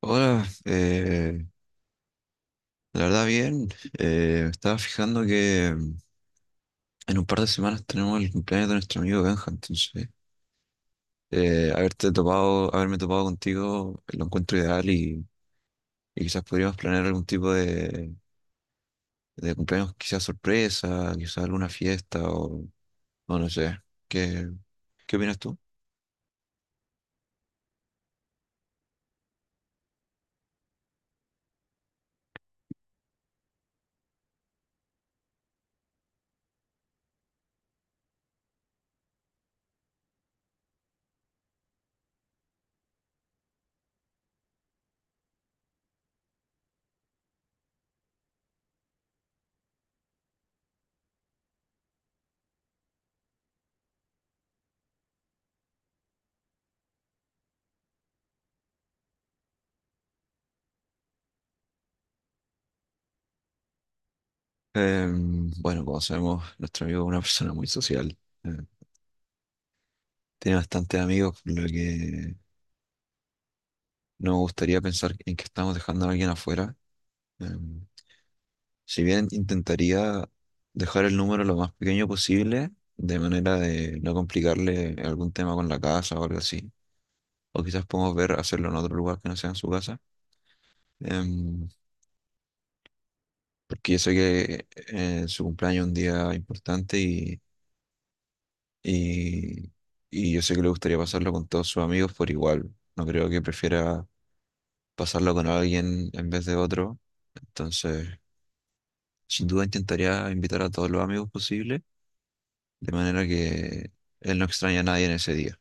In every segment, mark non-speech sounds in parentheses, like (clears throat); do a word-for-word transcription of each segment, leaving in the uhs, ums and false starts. Hola, eh, la verdad bien. Eh, me estaba fijando que mm, en un par de semanas tenemos el cumpleaños de nuestro amigo Benja, entonces eh, haberte topado, haberme topado contigo lo encuentro ideal y, y quizás podríamos planear algún tipo de, de cumpleaños, quizás sorpresa, quizás alguna fiesta o, o no sé. ¿Qué, ¿qué opinas tú? Em, bueno, como sabemos, nuestro amigo es una persona muy social. eh, Tiene bastantes amigos, por lo que no me gustaría pensar en que estamos dejando a alguien afuera. Em, si bien intentaría dejar el número lo más pequeño posible, de manera de no complicarle algún tema con la casa o algo así, o quizás podemos ver hacerlo en otro lugar que no sea en su casa. Em, Porque yo sé que eh, su cumpleaños es un día importante y, y, y yo sé que le gustaría pasarlo con todos sus amigos por igual, no creo que prefiera pasarlo con alguien en vez de otro, entonces sin duda intentaría invitar a todos los amigos posibles de manera que él no extraña a nadie en ese día.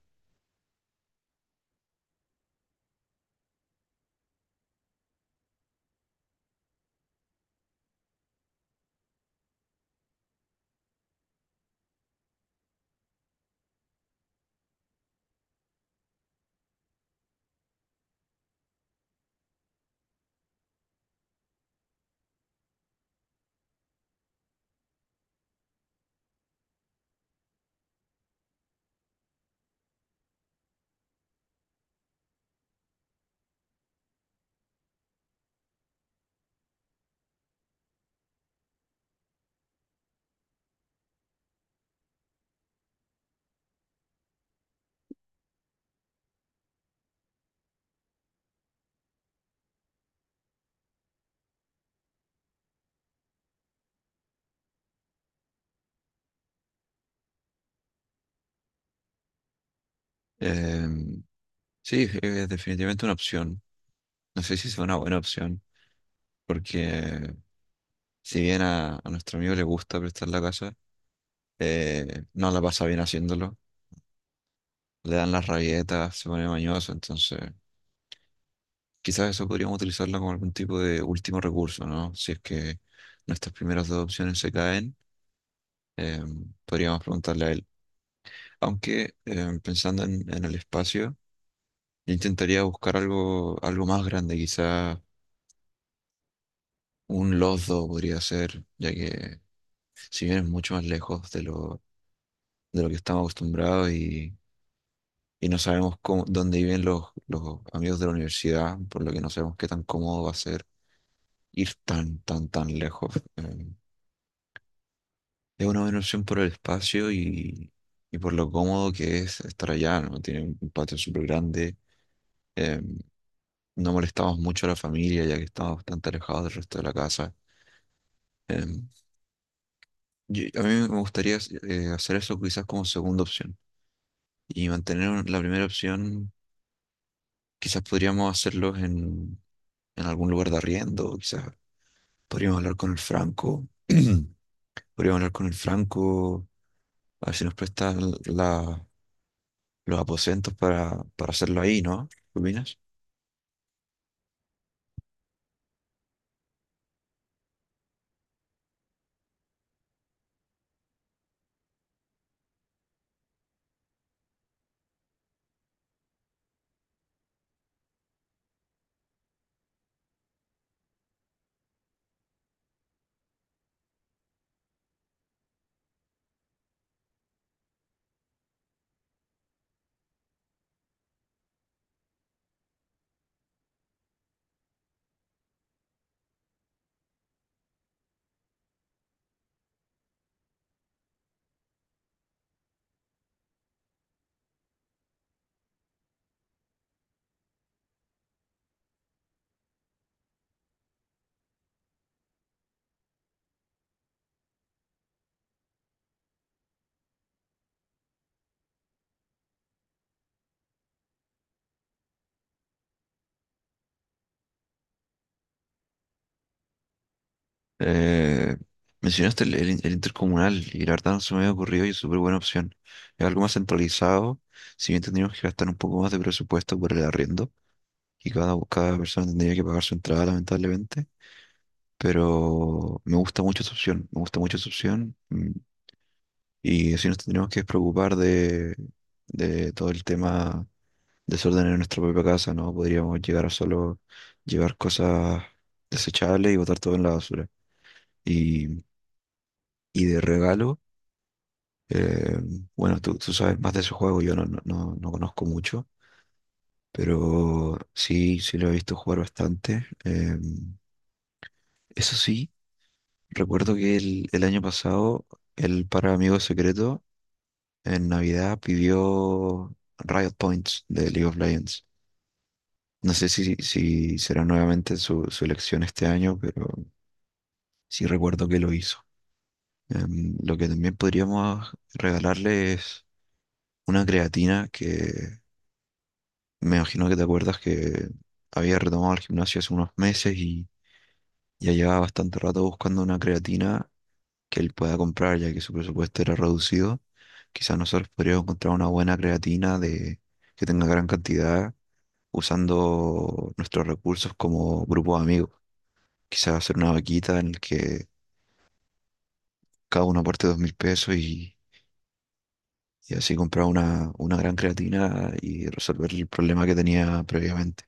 Em, sí, es definitivamente una opción. No sé si es una buena opción, porque si bien a, a nuestro amigo le gusta prestar la casa, eh, no la pasa bien haciéndolo. Le dan las rabietas, se pone mañoso, entonces quizás eso podríamos utilizarlo como algún tipo de último recurso, ¿no? Si es que nuestras primeras dos opciones se caen, em, podríamos preguntarle a él. Aunque em, pensando en en el espacio, yo intentaría buscar algo, algo más grande, quizá un Losdo podría ser, ya que si bien es mucho más lejos de lo, de lo que estamos acostumbrados y, y no sabemos cómo- dónde viven los, los amigos de la universidad, por lo que no sabemos qué tan cómodo va a ser ir tan, tan, tan lejos. Eh, Es una buena opción por el espacio y, y por lo cómodo que es estar allá, ¿no? Tiene un un patio súper grande. eh, no molestamos mucho a la familia ya que estamos bastante alejados del resto de la casa. Eh, yo- a mí me gustaría eh, hacer eso quizás como segunda opción y mantener un- la primera opción. Quizás podríamos hacerlos en, en algún lugar de arriendo, quizás podríamos hablar con el Franco, (clears throat) podríamos hablar con el Franco, a ver si nos prestan la- los aposentos para, para hacerlo ahí, ¿no? ¿Qué opinas? Eh, Mencionaste el, el- el intercomunal y la verdad no se me había ocurrido y es súper buena opción. Es algo más centralizado, si bien tendríamos que gastar un poco más de presupuesto por el arriendo y cada, cada persona tendría que pagar su entrada, lamentablemente. Pero me gusta mucho esa opción, me gusta mucho esa opción. mm, Y así nos tendríamos que preocupar de, de todo el tema desorden en nuestra propia casa, ¿no? Podríamos llegar a solo llevar cosas desechables y botar todo en la basura. Y, y de regalo, eh, bueno, tú, tú sabes más de ese juego, yo no, no, no, no conozco mucho, pero sí, sí lo he visto jugar bastante. Em, eso sí, recuerdo que el, el año pasado, el para amigos secreto en Navidad pidió Riot Points de League of Legends. No sé si, si será nuevamente su, su elección este año, pero sí recuerdo que lo hizo. Em, lo que también podríamos regalarle es una creatina que me imagino que te acuerdas que había retomado el gimnasio hace unos meses y ya llevaba bastante rato buscando una creatina que él pueda comprar ya que su presupuesto era reducido. Quizás nosotros podríamos encontrar una buena creatina de, que tenga gran cantidad usando nuestros recursos como grupo de amigos. Quizás hacer una vaquita en el que cada uno aporte dos mil pesos y, y así comprar una, una gran creatina y resolver el problema que tenía previamente.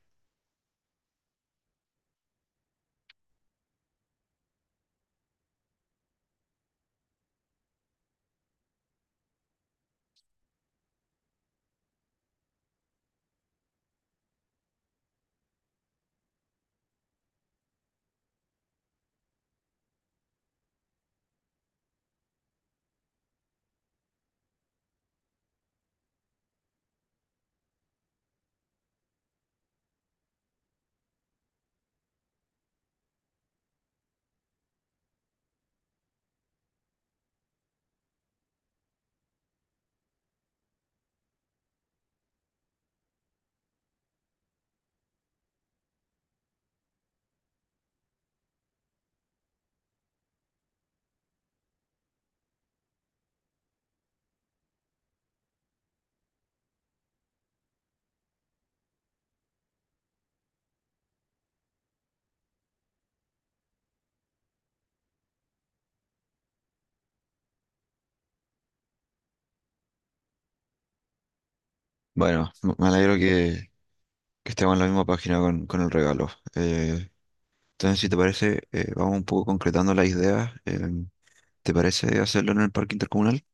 Bueno, me me alegro que, que estemos en la misma página con, con el regalo. Eh, entonces, si te parece, eh, vamos un poco concretando las ideas. Em, ¿te parece hacerlo en el parque intercomunal?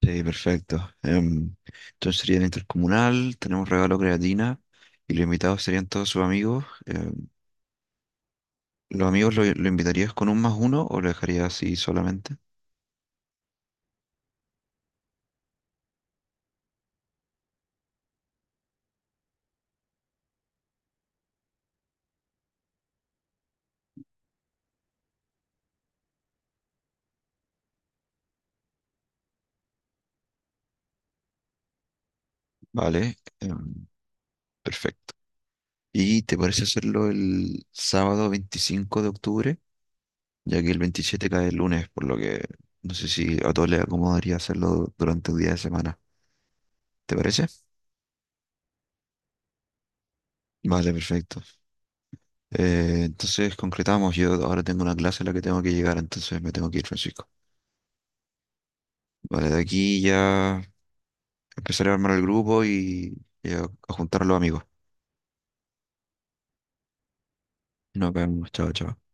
Sí, perfecto. Em, entonces sería el intercomunal, tenemos regalo creatina y los invitados serían todos sus amigos. Em, ¿los amigos lo, lo invitarías con un más uno o lo dejarías así solamente? Vale, em, perfecto. ¿Y te parece hacerlo el sábado veinticinco de octubre? Ya que el veintisiete cae el lunes, por lo que no sé si a todos les acomodaría hacerlo durante un día de semana. ¿Te parece? Vale, perfecto. Eh, entonces concretamos, yo ahora tengo una clase a la que tengo que llegar, entonces me tengo que ir, Francisco. Vale, de aquí ya empezaré a armar el grupo y, y a, a juntar a los amigos. Nos vemos, chao, chao.